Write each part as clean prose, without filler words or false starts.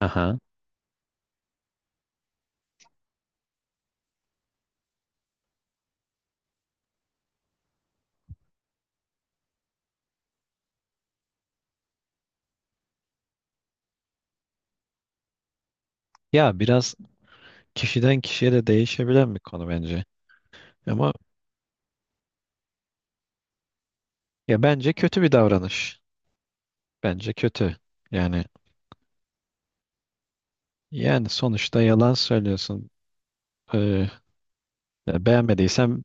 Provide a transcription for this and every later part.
Aha. Ya biraz kişiden kişiye de değişebilen bir konu bence. Ama ya bence kötü bir davranış. Bence kötü. Yani yani sonuçta yalan söylüyorsun. Ee, ya beğenmediysen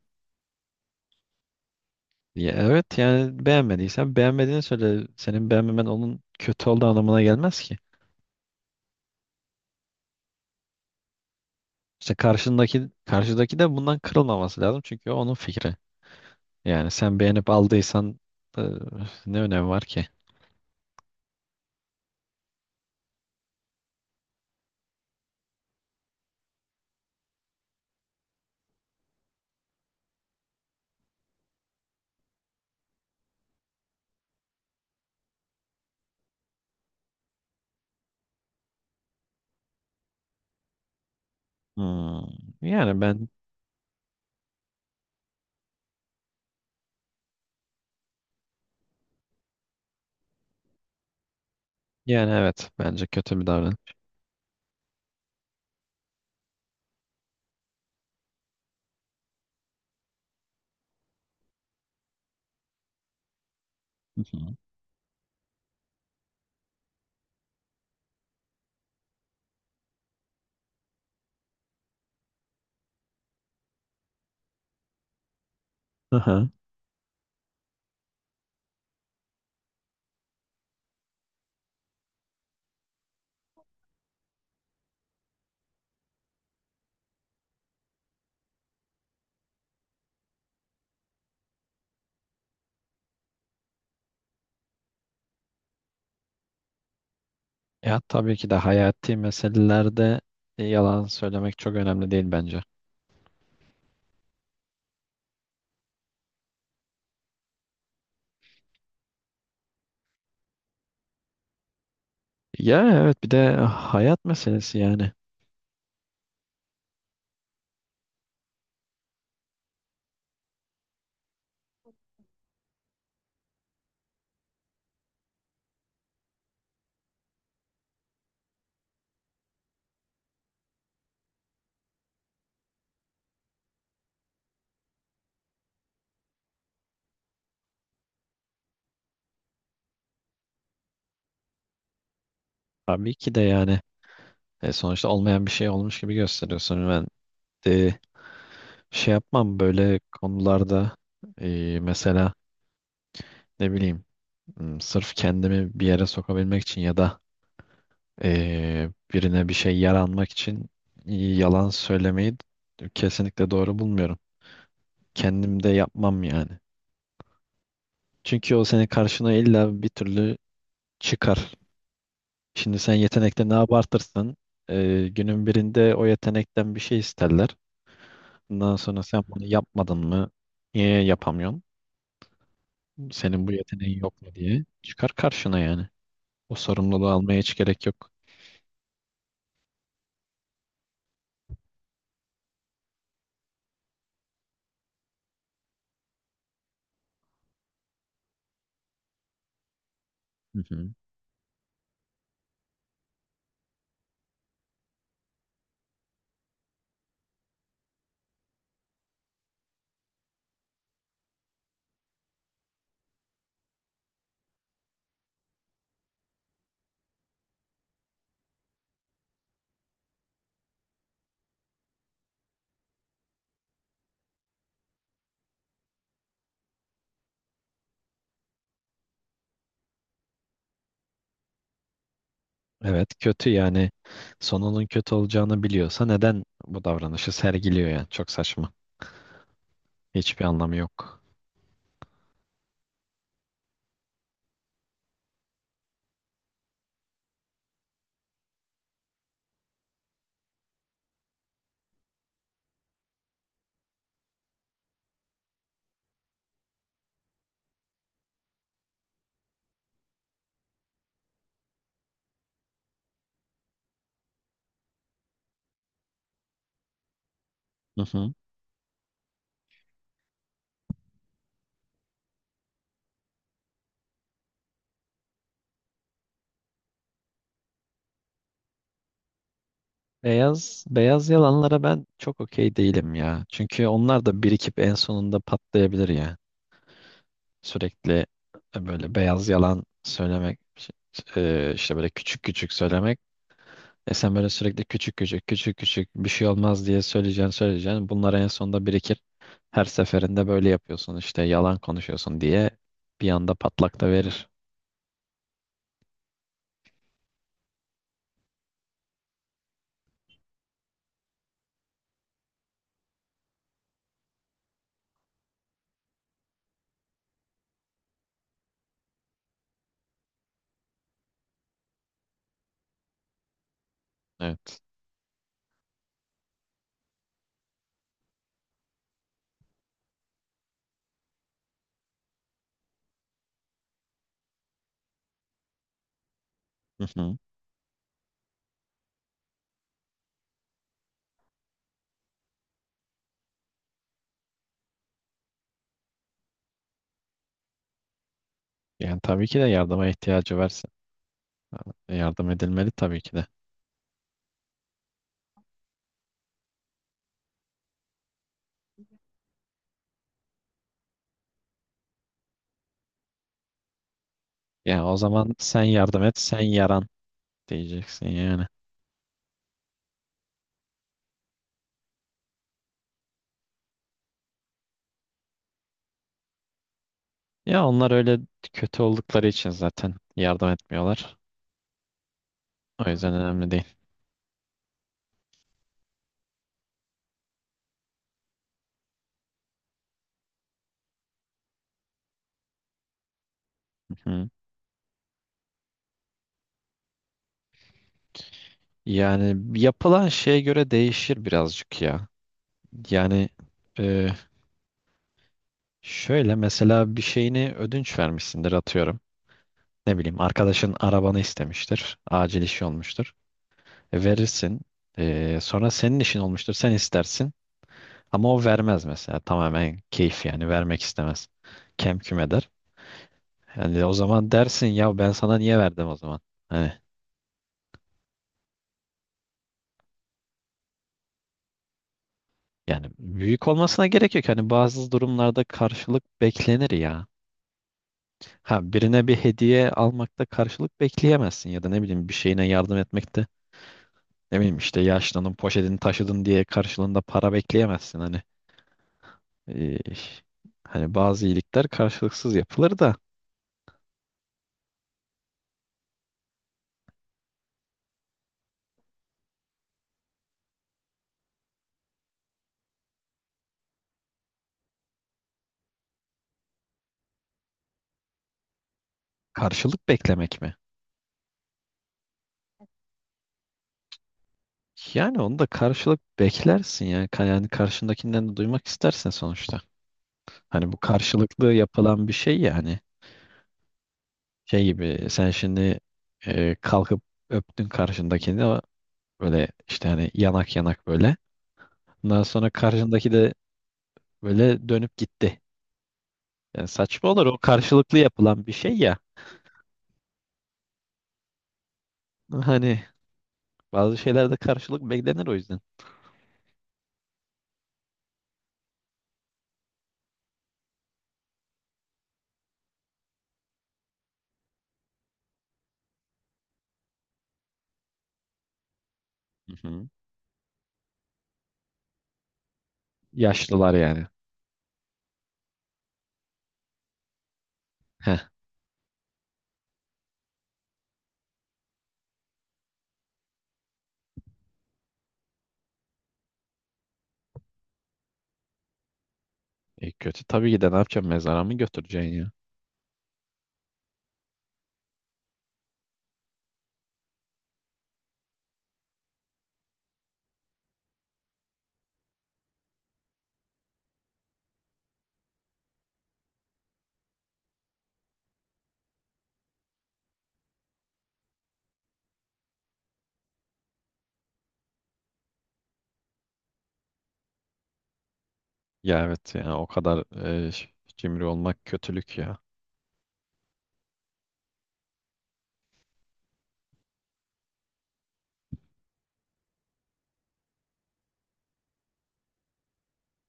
ya evet yani beğenmediysen beğenmediğini söyle. Senin beğenmemen onun kötü olduğu anlamına gelmez ki. İşte karşıdaki de bundan kırılmaması lazım çünkü o onun fikri. Yani sen beğenip aldıysan ee, ne önemi var ki? Hmm. Yani ben Yani evet bence kötü bir davranış. Hı hı. Aha. Ya tabii ki de hayati meselelerde yalan söylemek çok önemli değil bence. Ya evet bir de hayat meselesi yani. Tabii ki de yani sonuçta olmayan bir şey olmuş gibi gösteriyorsun. E, Şey yapmam böyle konularda, mesela, ne bileyim, sırf kendimi bir yere sokabilmek için ya da birine bir şey yaranmak için yalan söylemeyi kesinlikle doğru bulmuyorum. Kendim de yapmam yani. Çünkü o senin karşına illa bir türlü çıkar. Şimdi sen yetenekte ne abartırsan günün birinde o yetenekten bir şey isterler. Bundan sonra sen bunu yapmadın mı? Niye yapamıyorsun? Senin bu yeteneğin yok mu diye çıkar karşına yani. O sorumluluğu almaya hiç gerek yok. Hı hı. Evet kötü, yani sonunun kötü olacağını biliyorsa neden bu davranışı sergiliyor yani? Çok saçma. Hiçbir anlamı yok. Hı hı. Beyaz beyaz yalanlara ben çok okey değilim ya. Çünkü onlar da birikip en sonunda patlayabilir ya. Sürekli böyle beyaz yalan söylemek, işte böyle küçük küçük söylemek. E, sen böyle sürekli küçük küçük küçük küçük bir şey olmaz diye söyleyeceksin. Bunlar en sonunda birikir. Her seferinde böyle yapıyorsun işte yalan konuşuyorsun diye bir anda patlak da verir. Evet. Hı hı. Yani tabii ki de yardıma ihtiyacı varsa yardım edilmeli tabii ki de. Ya o zaman sen yardım et, sen yaran diyeceksin yani. Ya onlar öyle kötü oldukları için zaten yardım etmiyorlar. O yüzden önemli değil. Hı. Yani yapılan şeye göre değişir birazcık ya. Yani e, Şöyle, mesela bir şeyini ödünç vermişsindir, atıyorum. Ne bileyim, arkadaşın arabanı istemiştir. Acil işi olmuştur. Verirsin. Sonra senin işin olmuştur. Sen istersin. Ama o vermez mesela. Tamamen keyif, yani vermek istemez. Kem küm eder. Yani o zaman dersin ya, ben sana niye verdim o zaman? Hani, yani büyük olmasına gerek yok. Hani bazı durumlarda karşılık beklenir ya. Ha, birine bir hediye almakta karşılık bekleyemezsin ya da ne bileyim bir şeyine yardım etmekte. Ne bileyim, işte yaşlının poşetini taşıdın diye karşılığında para bekleyemezsin hani. Ee, hani bazı iyilikler karşılıksız yapılır da karşılık beklemek mi? Yani onu da karşılık beklersin ya. Yani karşındakinden de duymak istersen sonuçta. Hani bu karşılıklı yapılan bir şey yani. Şey gibi, sen şimdi kalkıp öptün karşındakini, ama böyle işte hani yanak yanak böyle. Ondan sonra karşındaki de böyle dönüp gitti. Yani saçma olur, o karşılıklı yapılan bir şey ya. Hani bazı şeylerde karşılık beklenir o yüzden. Hı hı. Yaşlılar yani. Heh. E, kötü tabii ki de, ne yapacaksın? Mezara mı götüreceksin ya? Ya evet, ya o kadar e, ş- cimri olmak kötülük ya.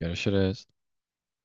Görüşürüz.